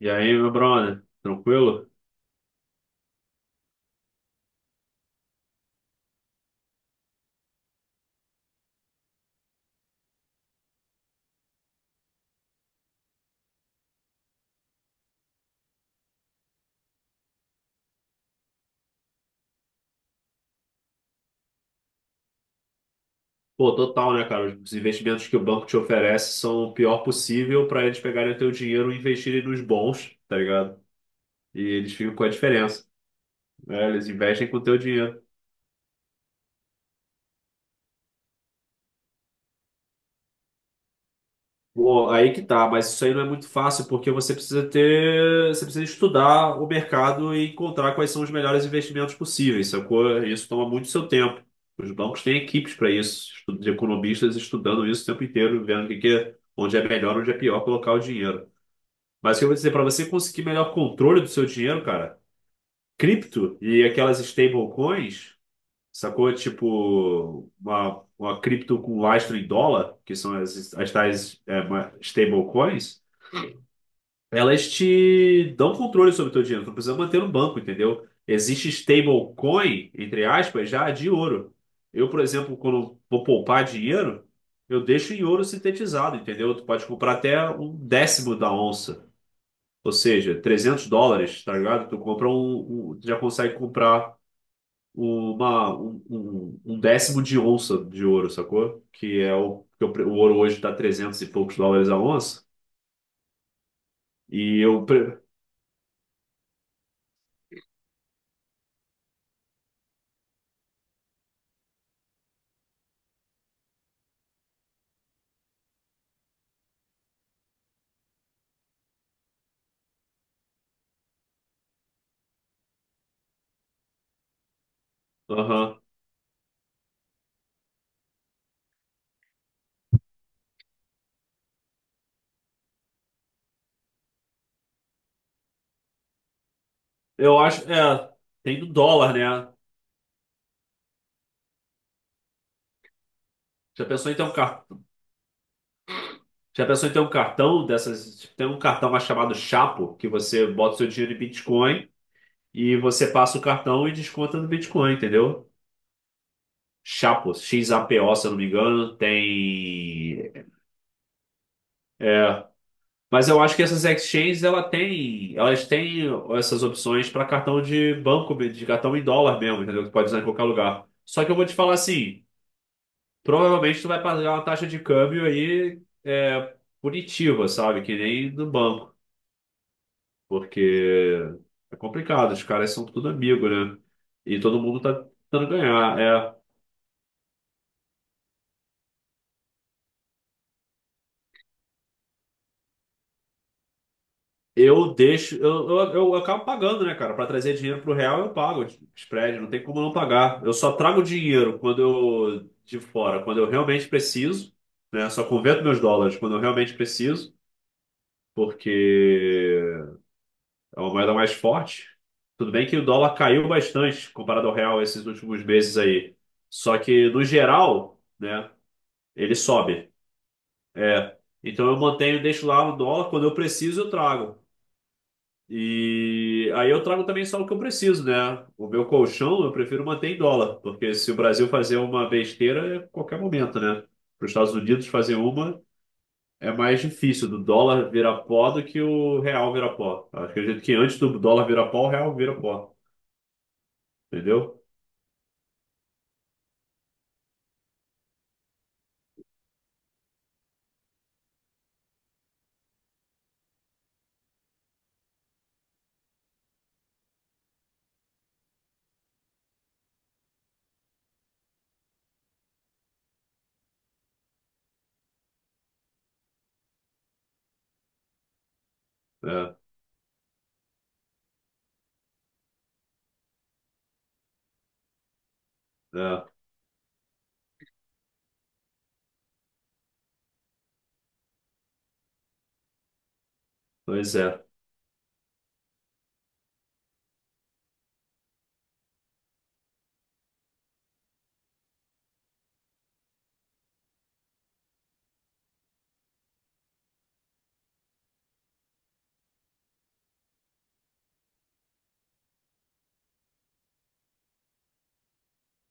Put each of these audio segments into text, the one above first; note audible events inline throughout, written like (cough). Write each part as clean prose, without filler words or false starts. E aí, meu brother, tranquilo? Pô, total, né, cara? Os investimentos que o banco te oferece são o pior possível para eles pegarem o teu dinheiro e investirem nos bons, tá ligado? E eles ficam com a diferença, né? Eles investem com o teu dinheiro. Pô, aí que tá, mas isso aí não é muito fácil porque você precisa estudar o mercado e encontrar quais são os melhores investimentos possíveis, sacou? Isso toma muito seu tempo. Os bancos têm equipes para isso, de economistas estudando isso o tempo inteiro, vendo o que que é, onde é melhor, onde é pior colocar o dinheiro. Mas o que eu vou dizer, para você conseguir melhor controle do seu dinheiro, cara, cripto e aquelas stablecoins, sacou? Tipo, uma cripto com lastro em dólar, que são as tais stablecoins, elas te dão controle sobre o teu dinheiro. Tu não precisa manter no banco, entendeu? Existe stablecoin, entre aspas, já de ouro. Eu, por exemplo, quando vou poupar dinheiro, eu deixo em ouro sintetizado, entendeu? Tu pode comprar até um décimo da onça. Ou seja, US$ 300, tá ligado? Tu compra tu já consegue comprar um décimo de onça de ouro, sacou? Que é o pre- O ouro hoje tá 300 e poucos dólares a onça. E eu, pre- aham. Eu acho, tem do dólar, né? Já pensou em ter um car... Já pensou em ter um cartão dessas, tipo, tem um cartão mais chamado Chapo, que você bota seu dinheiro em Bitcoin e você passa o cartão e desconta no Bitcoin, entendeu? Xapo, XAPO, se eu não me engano, tem. É. Mas eu acho que essas exchanges elas têm essas opções para cartão de banco, de cartão em dólar mesmo, entendeu? Que pode usar em qualquer lugar. Só que eu vou te falar assim, provavelmente tu vai pagar uma taxa de câmbio aí punitiva, sabe? Que nem no banco, porque é complicado, os caras são tudo amigo, né? E todo mundo tá tentando ganhar. É. Eu deixo, eu acabo pagando, né, cara? Para trazer dinheiro pro real, eu pago spread, não tem como não pagar. Eu só trago dinheiro quando eu realmente preciso, né? Só converto meus dólares quando eu realmente preciso, porque é uma moeda mais forte. Tudo bem que o dólar caiu bastante comparado ao real esses últimos meses aí. Só que no geral, né, ele sobe. É. Então eu mantenho, deixo lá o dólar, quando eu preciso, eu trago. E aí eu trago também só o que eu preciso, né? O meu colchão eu prefiro manter em dólar, porque se o Brasil fazer uma besteira, é qualquer momento, né? Para os Estados Unidos fazer uma, É mais difícil do dólar virar pó do que o real virar pó. Acho Eu Acredito que antes do dólar virar pó, o real vira pó, entendeu? É, é, pois é.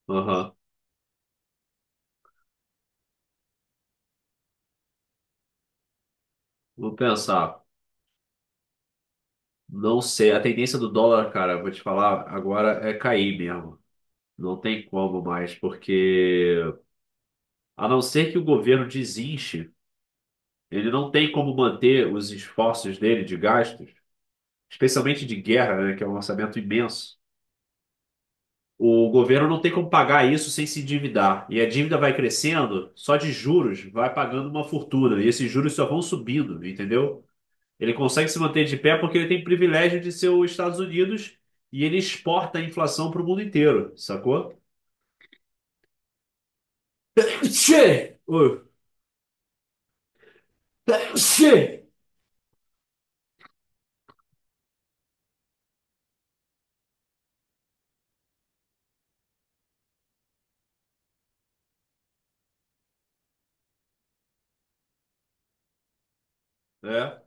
Aham. Vou pensar. Não sei, a tendência do dólar, cara, vou te falar, agora é cair mesmo. Não tem como mais, porque a não ser que o governo desinche, ele não tem como manter os esforços dele de gastos, especialmente de guerra, né, que é um orçamento imenso. O governo não tem como pagar isso sem se endividar. E a dívida vai crescendo, só de juros vai pagando uma fortuna. E esses juros só vão subindo, entendeu? Ele consegue se manter de pé porque ele tem privilégio de ser os Estados Unidos e ele exporta a inflação para o mundo inteiro, sacou? Che! Ui, Che! é,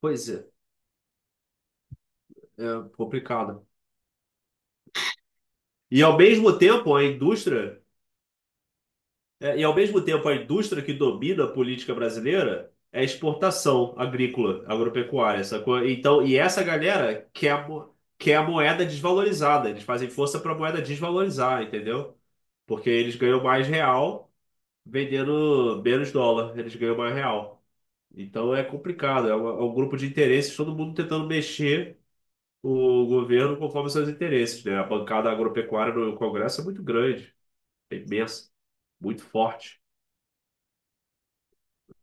Pois é, é complicado. E ao mesmo tempo, a indústria, e ao mesmo tempo, a indústria que domina a política brasileira é a exportação agrícola, agropecuária, sacou? Então, e essa galera quer a moeda desvalorizada, eles fazem força para a moeda desvalorizar, entendeu? Porque eles ganham mais real vendendo menos dólar, eles ganham mais real. Então é complicado, é um grupo de interesses, todo mundo tentando mexer o governo conforme seus interesses, né? A bancada agropecuária no Congresso é muito grande, é imensa, muito forte,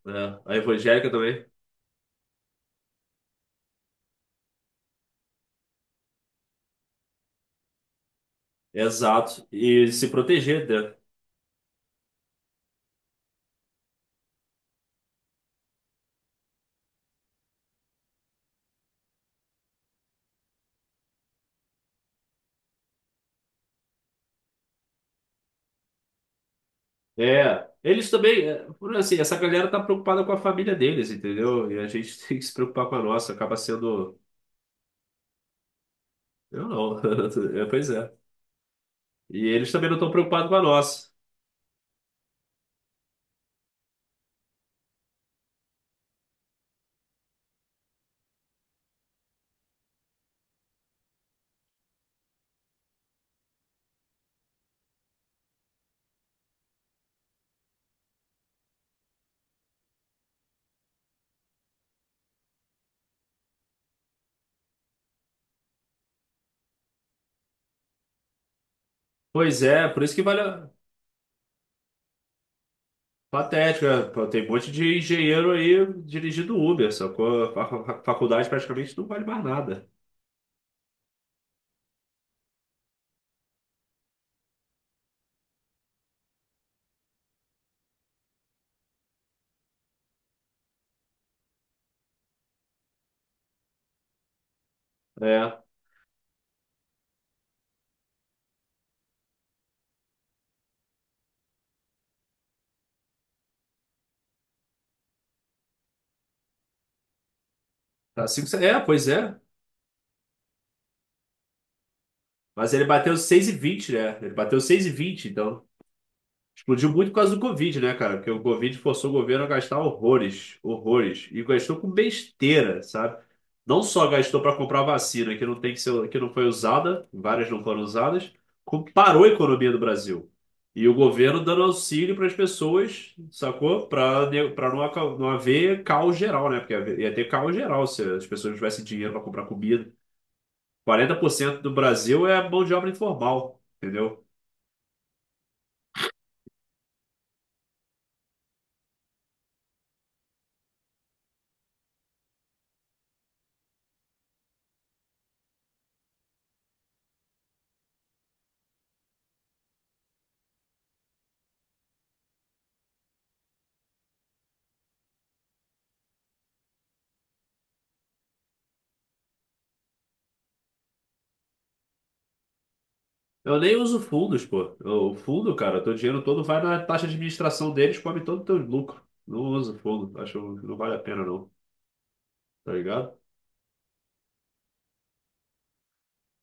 né? A evangélica também. Exato, e se proteger, né? É, eles também, essa galera tá preocupada com a família deles, entendeu? E a gente (laughs) tem que se preocupar com a nossa, acaba sendo. Eu não, (laughs) é, pois é. E eles também não estão preocupados com a nossa. Pois é, por isso que vale. Patético, né? Pô, tem um monte de engenheiro aí dirigindo Uber, só que a faculdade praticamente não vale mais nada. É, tá cinco, pois é. Mas ele bateu 6,20, né? Ele bateu seis e vinte, então. Explodiu muito por causa do Covid, né, cara? Porque o Covid forçou o governo a gastar horrores, horrores. E gastou com besteira, sabe? Não só gastou para comprar vacina, que não tem que ser, que não foi usada, várias não foram usadas, como parou a economia do Brasil. E o governo dando auxílio para as pessoas, sacou? Para não não haver caos geral, né? Porque ia ter caos geral se as pessoas não tivessem dinheiro para comprar comida. 40% do Brasil é mão de obra informal, entendeu? Eu nem uso fundos, pô. O fundo, cara, teu dinheiro todo vai na taxa de administração deles, come todo o teu lucro. Não uso fundo, acho que não vale a pena não, tá ligado?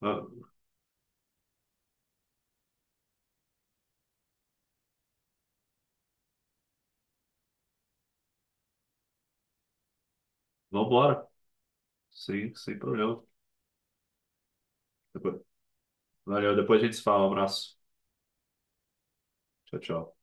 Ah, vambora, sim, sem problema. Depois- Valeu, depois a gente se fala, um abraço. Tchau, tchau.